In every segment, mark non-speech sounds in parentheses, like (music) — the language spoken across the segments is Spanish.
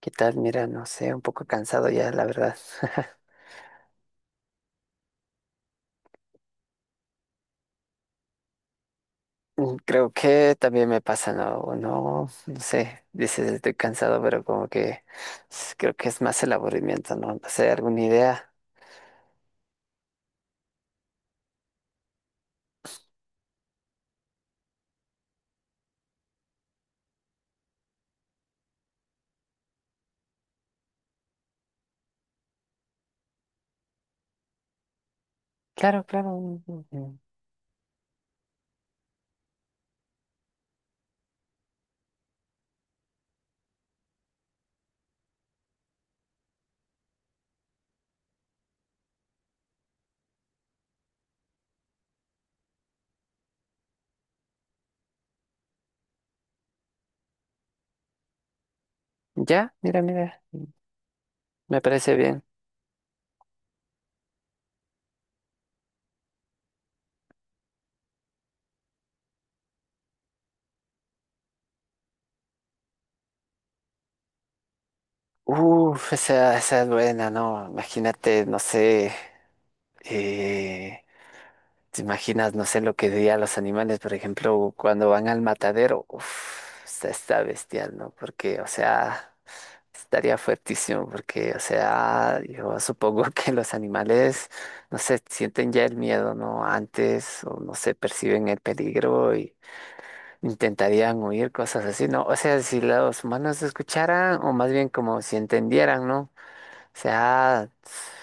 ¿Qué tal? Mira, no sé, un poco cansado ya, la verdad. Creo que también me pasa, ¿no? O no, no sé, dices estoy cansado, pero como que creo que es más el aburrimiento, ¿no? No sé, alguna idea. Claro, claro. Mm, mm, mm. Ya, mira, mira, me parece bien. Uf, esa es buena, ¿no? Imagínate, no sé, eh, ¿te imaginas, no sé lo que dirían los animales, por ejemplo, cuando van al matadero? Uf, está bestial, ¿no? Porque, o sea, estaría fuertísimo, porque, o sea, yo supongo (laughs) que los animales, no sé, sienten ya el miedo, ¿no? Antes, o no sé, perciben el peligro y intentarían huir, cosas así, ¿no? O sea, si los humanos escucharan, o más bien como si entendieran, ¿no? O sea,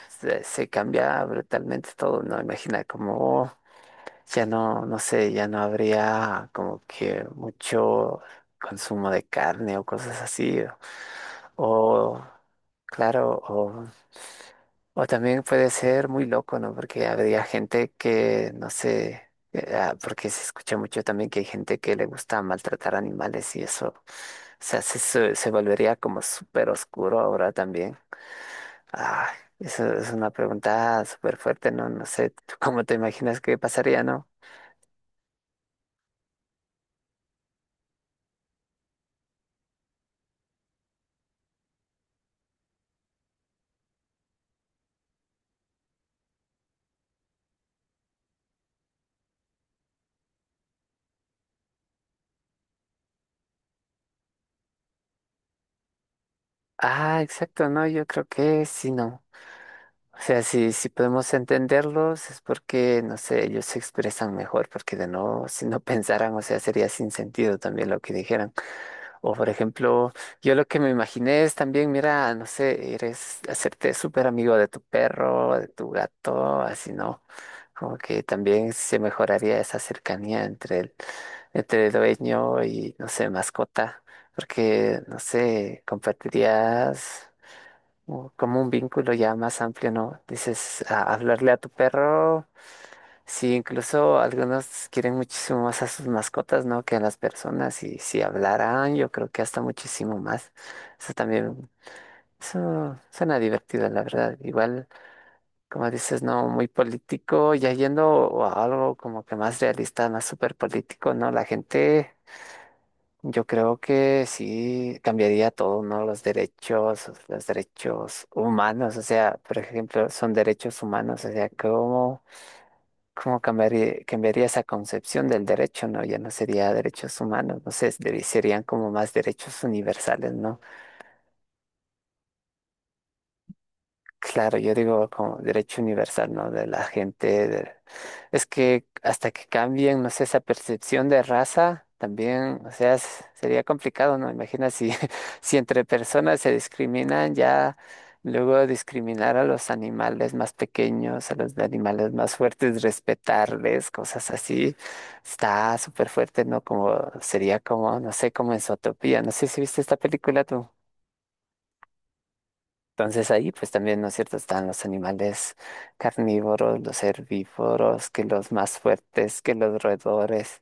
se cambia brutalmente todo, ¿no? Imagina como... Ya no, no sé, ya no habría como que mucho consumo de carne o cosas así. O, claro, o también puede ser muy loco, ¿no? Porque habría gente que, no sé, porque se escucha mucho también que hay gente que le gusta maltratar animales y eso, o sea, se volvería como súper oscuro ahora también. Ah, eso es una pregunta súper fuerte, ¿no? No sé, ¿tú cómo te imaginas que pasaría, no? Ah, exacto, no, yo creo que sí, no. O sea, si podemos entenderlos es porque, no sé, ellos se expresan mejor, porque de no, si no (laughs) pensaran, o sea, sería sin sentido también lo que dijeran. O por ejemplo, yo lo que me imaginé es también, mira, no sé, eres hacerte súper amigo de tu perro, de tu gato, así no. Como que también se mejoraría esa cercanía entre el dueño y, no sé, mascota, porque, no sé, compartirías o como un vínculo ya más amplio, ¿no? Dices, hablarle a tu perro, sí, incluso algunos quieren muchísimo más a sus mascotas, ¿no? Que a las personas, y si hablaran, yo creo que hasta muchísimo más. Eso también, eso suena divertido, la verdad. Igual, como dices, no, muy político, ya yendo a algo como que más realista, más súper político, ¿no? La gente... Yo creo que sí cambiaría todo, ¿no? Los derechos humanos, o sea, por ejemplo, son derechos humanos, o sea, ¿cómo cambiaría esa concepción del derecho, no? Ya no sería derechos humanos, no sé, serían como más derechos universales, ¿no? Claro, yo digo como derecho universal, ¿no? De la gente. Es que hasta que cambien, no sé, esa percepción de raza, también, o sea, sería complicado, ¿no? Imagina si, (laughs) si entre personas se discriminan, ya luego discriminar a los animales más pequeños, a los animales más fuertes, respetarles, cosas así, está súper fuerte, ¿no? Como sería como, no sé, como en Zootopía. No sé si viste esta película tú. Entonces ahí pues también, ¿no es cierto?, están los animales carnívoros, los herbívoros, que los más fuertes, que los roedores.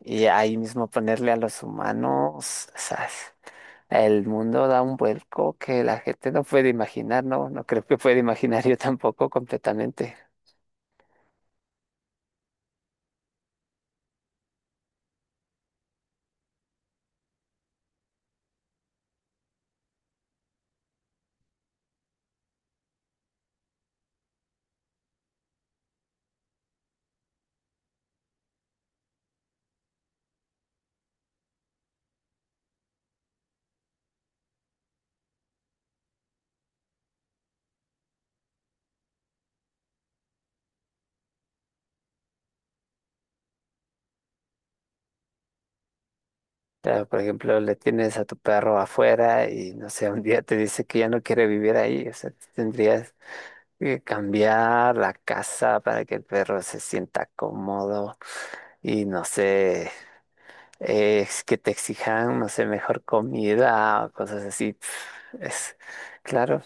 Y ahí mismo ponerle a los humanos, ¿sabes? El mundo da un vuelco que la gente no puede imaginar, ¿no? No creo que pueda imaginar yo tampoco completamente. Pero, por ejemplo, le tienes a tu perro afuera y, no sé, un día te dice que ya no quiere vivir ahí. O sea, tendrías que cambiar la casa para que el perro se sienta cómodo. Y no sé, es que te exijan, no sé, mejor comida o cosas así. Es claro.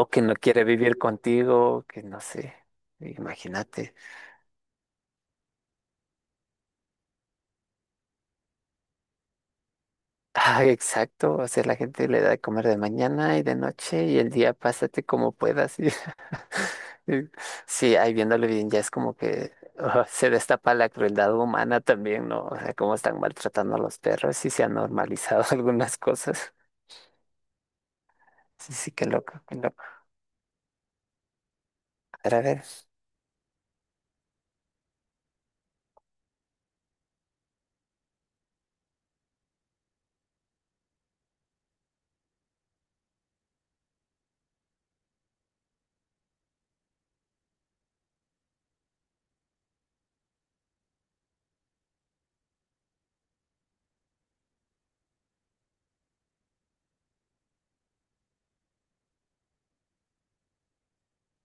O que no quiere vivir contigo, que no sé. Imagínate. Ah, exacto. O sea, la gente le da de comer de mañana y de noche y el día pásate como puedas. (laughs) Y Sí, ahí viéndolo bien, ya es como que se destapa la crueldad humana también, ¿no? O sea, cómo están maltratando a los perros y se han normalizado (laughs) algunas cosas. Sí, sí, qué loco, qué loco. Pero a ver.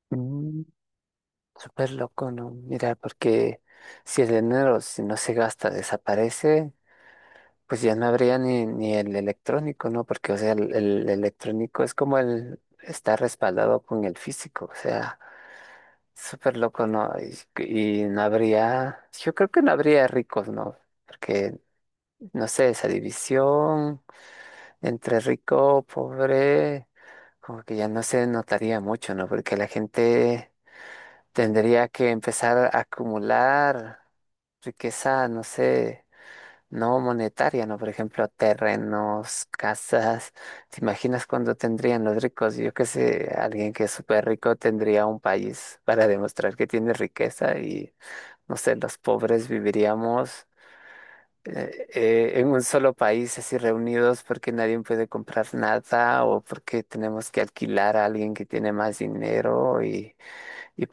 Mm, Súper loco, ¿no? Mira, porque si el dinero si no se gasta, desaparece, pues ya no habría ni el electrónico, ¿no? Porque, o sea, el electrónico es como el está respaldado con el físico, o sea, súper loco, ¿no? Y no habría, yo creo que no habría ricos, ¿no? Porque, no sé, esa división entre rico, pobre, como que ya no se notaría mucho, ¿no? Porque la gente tendría que empezar a acumular riqueza, no sé, no monetaria, ¿no? Por ejemplo, terrenos, casas. ¿Te imaginas cuándo tendrían los ricos? Yo qué sé, alguien que es súper rico tendría un país para demostrar que tiene riqueza y, no sé, los pobres viviríamos en un solo país así reunidos porque nadie puede comprar nada o porque tenemos que alquilar a alguien que tiene más dinero y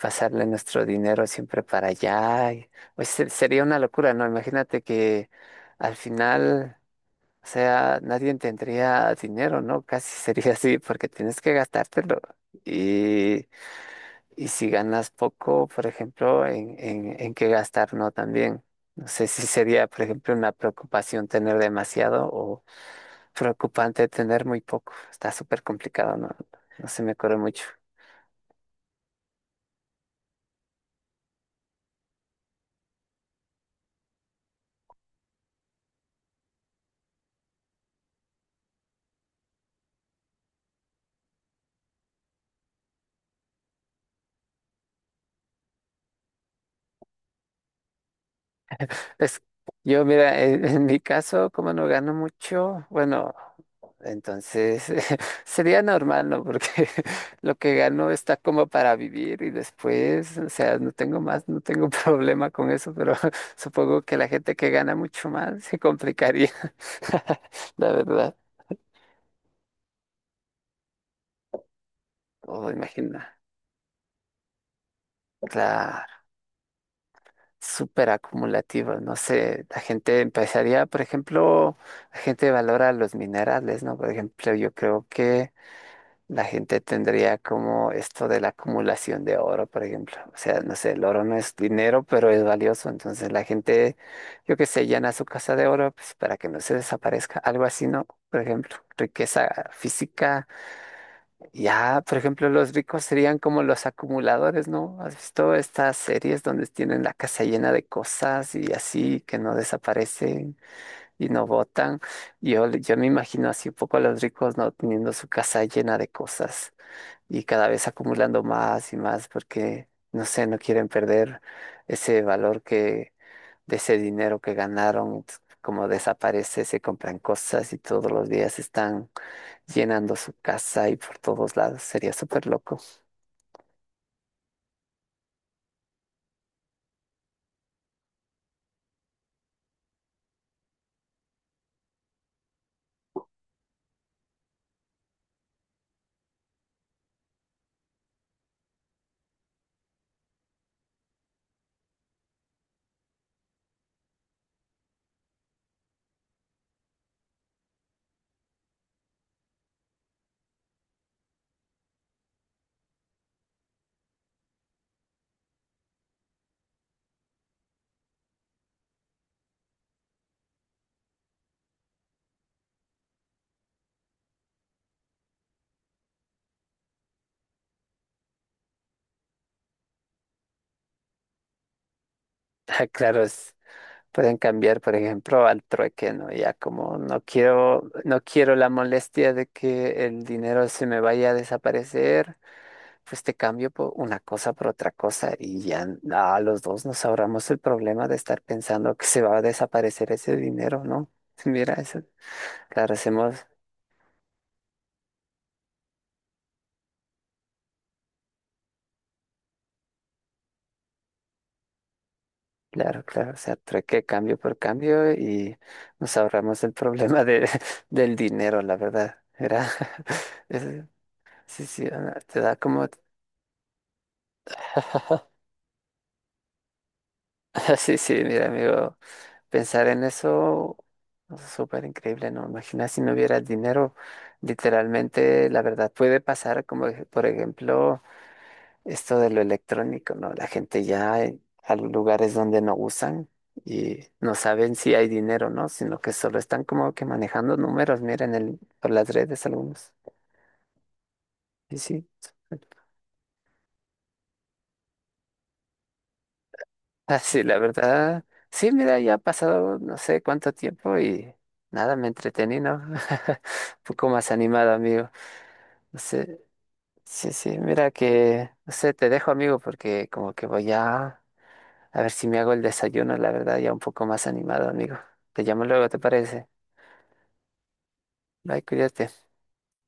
pasarle nuestro dinero siempre para allá. Pues sería una locura, ¿no? Imagínate que al final, o sea, nadie tendría dinero, ¿no? Casi sería así, porque tienes que gastártelo. Y, y si ganas poco, por ejemplo, en qué gastar, ¿no? También. No sé si sería, por ejemplo, una preocupación tener demasiado o preocupante tener muy poco. Está súper complicado, ¿no? No se me ocurre mucho. Es, yo, mira, en mi caso, como no gano mucho, bueno, entonces (laughs) sería normal, ¿no? Porque (laughs) lo que gano está como para vivir y después, o sea, no tengo más, no tengo (laughs) problema con eso, pero (laughs) supongo que la gente que gana mucho más se complicaría, (laughs) la verdad. Oh, imagina, claro, súper acumulativo, no sé, la gente empezaría, por ejemplo, la gente valora los minerales, ¿no? Por ejemplo, yo creo que la gente tendría como esto de la acumulación de oro, por ejemplo. O sea, no sé, el oro no es dinero, pero es valioso. Entonces la gente, yo qué sé, llena su casa de oro pues, para que no se desaparezca. Algo así, ¿no? Por ejemplo, riqueza física. Ya, por ejemplo, los ricos serían como los acumuladores, ¿no? ¿Has visto estas series donde tienen la casa llena de cosas y así que no desaparecen y no botan? Yo me imagino así un poco a los ricos, ¿no? Teniendo su casa llena de cosas y cada vez acumulando más y más porque, no sé, no quieren perder ese valor que de ese dinero que ganaron, como desaparece, se compran cosas y todos los días están llenando su casa y por todos lados. Sería súper loco. Ah, claro, pueden cambiar, por ejemplo, al trueque, ¿no? Ya como no quiero la molestia de que el dinero se me vaya a desaparecer. Pues te cambio por una cosa por otra cosa y ya a los dos nos ahorramos el problema de estar pensando que se va a desaparecer ese dinero, ¿no? (laughs) Mira, eso, claro, hacemos, claro, claro, o sea, trueque cambio por cambio y nos ahorramos el problema de, (laughs) del dinero, la verdad, era, (laughs) es- sí, sí, ah, te da como, (laughs) sí, sí, mira, amigo. Pensar en eso es súper increíble, ¿no? Imagina si no hubiera dinero. Literalmente, la verdad, puede pasar como, por ejemplo, esto de lo electrónico, ¿no? La gente ya a los lugares donde no usan y no saben si hay dinero, ¿no? Sino que solo están como que manejando números, miren, el, por las redes algunos. Y sí, (laughs) ah, sí, la verdad. Sí, mira, ya ha pasado no sé cuánto tiempo y nada, me entretení, ¿no? (laughs) Un poco más animado, amigo. Sí, sí, sí, mira que, no sé, te dejo amigo porque como que voy a, ver si me hago el desayuno, la verdad, ya un poco más animado, amigo. Te llamo luego, ¿te parece? Bye, cuídate.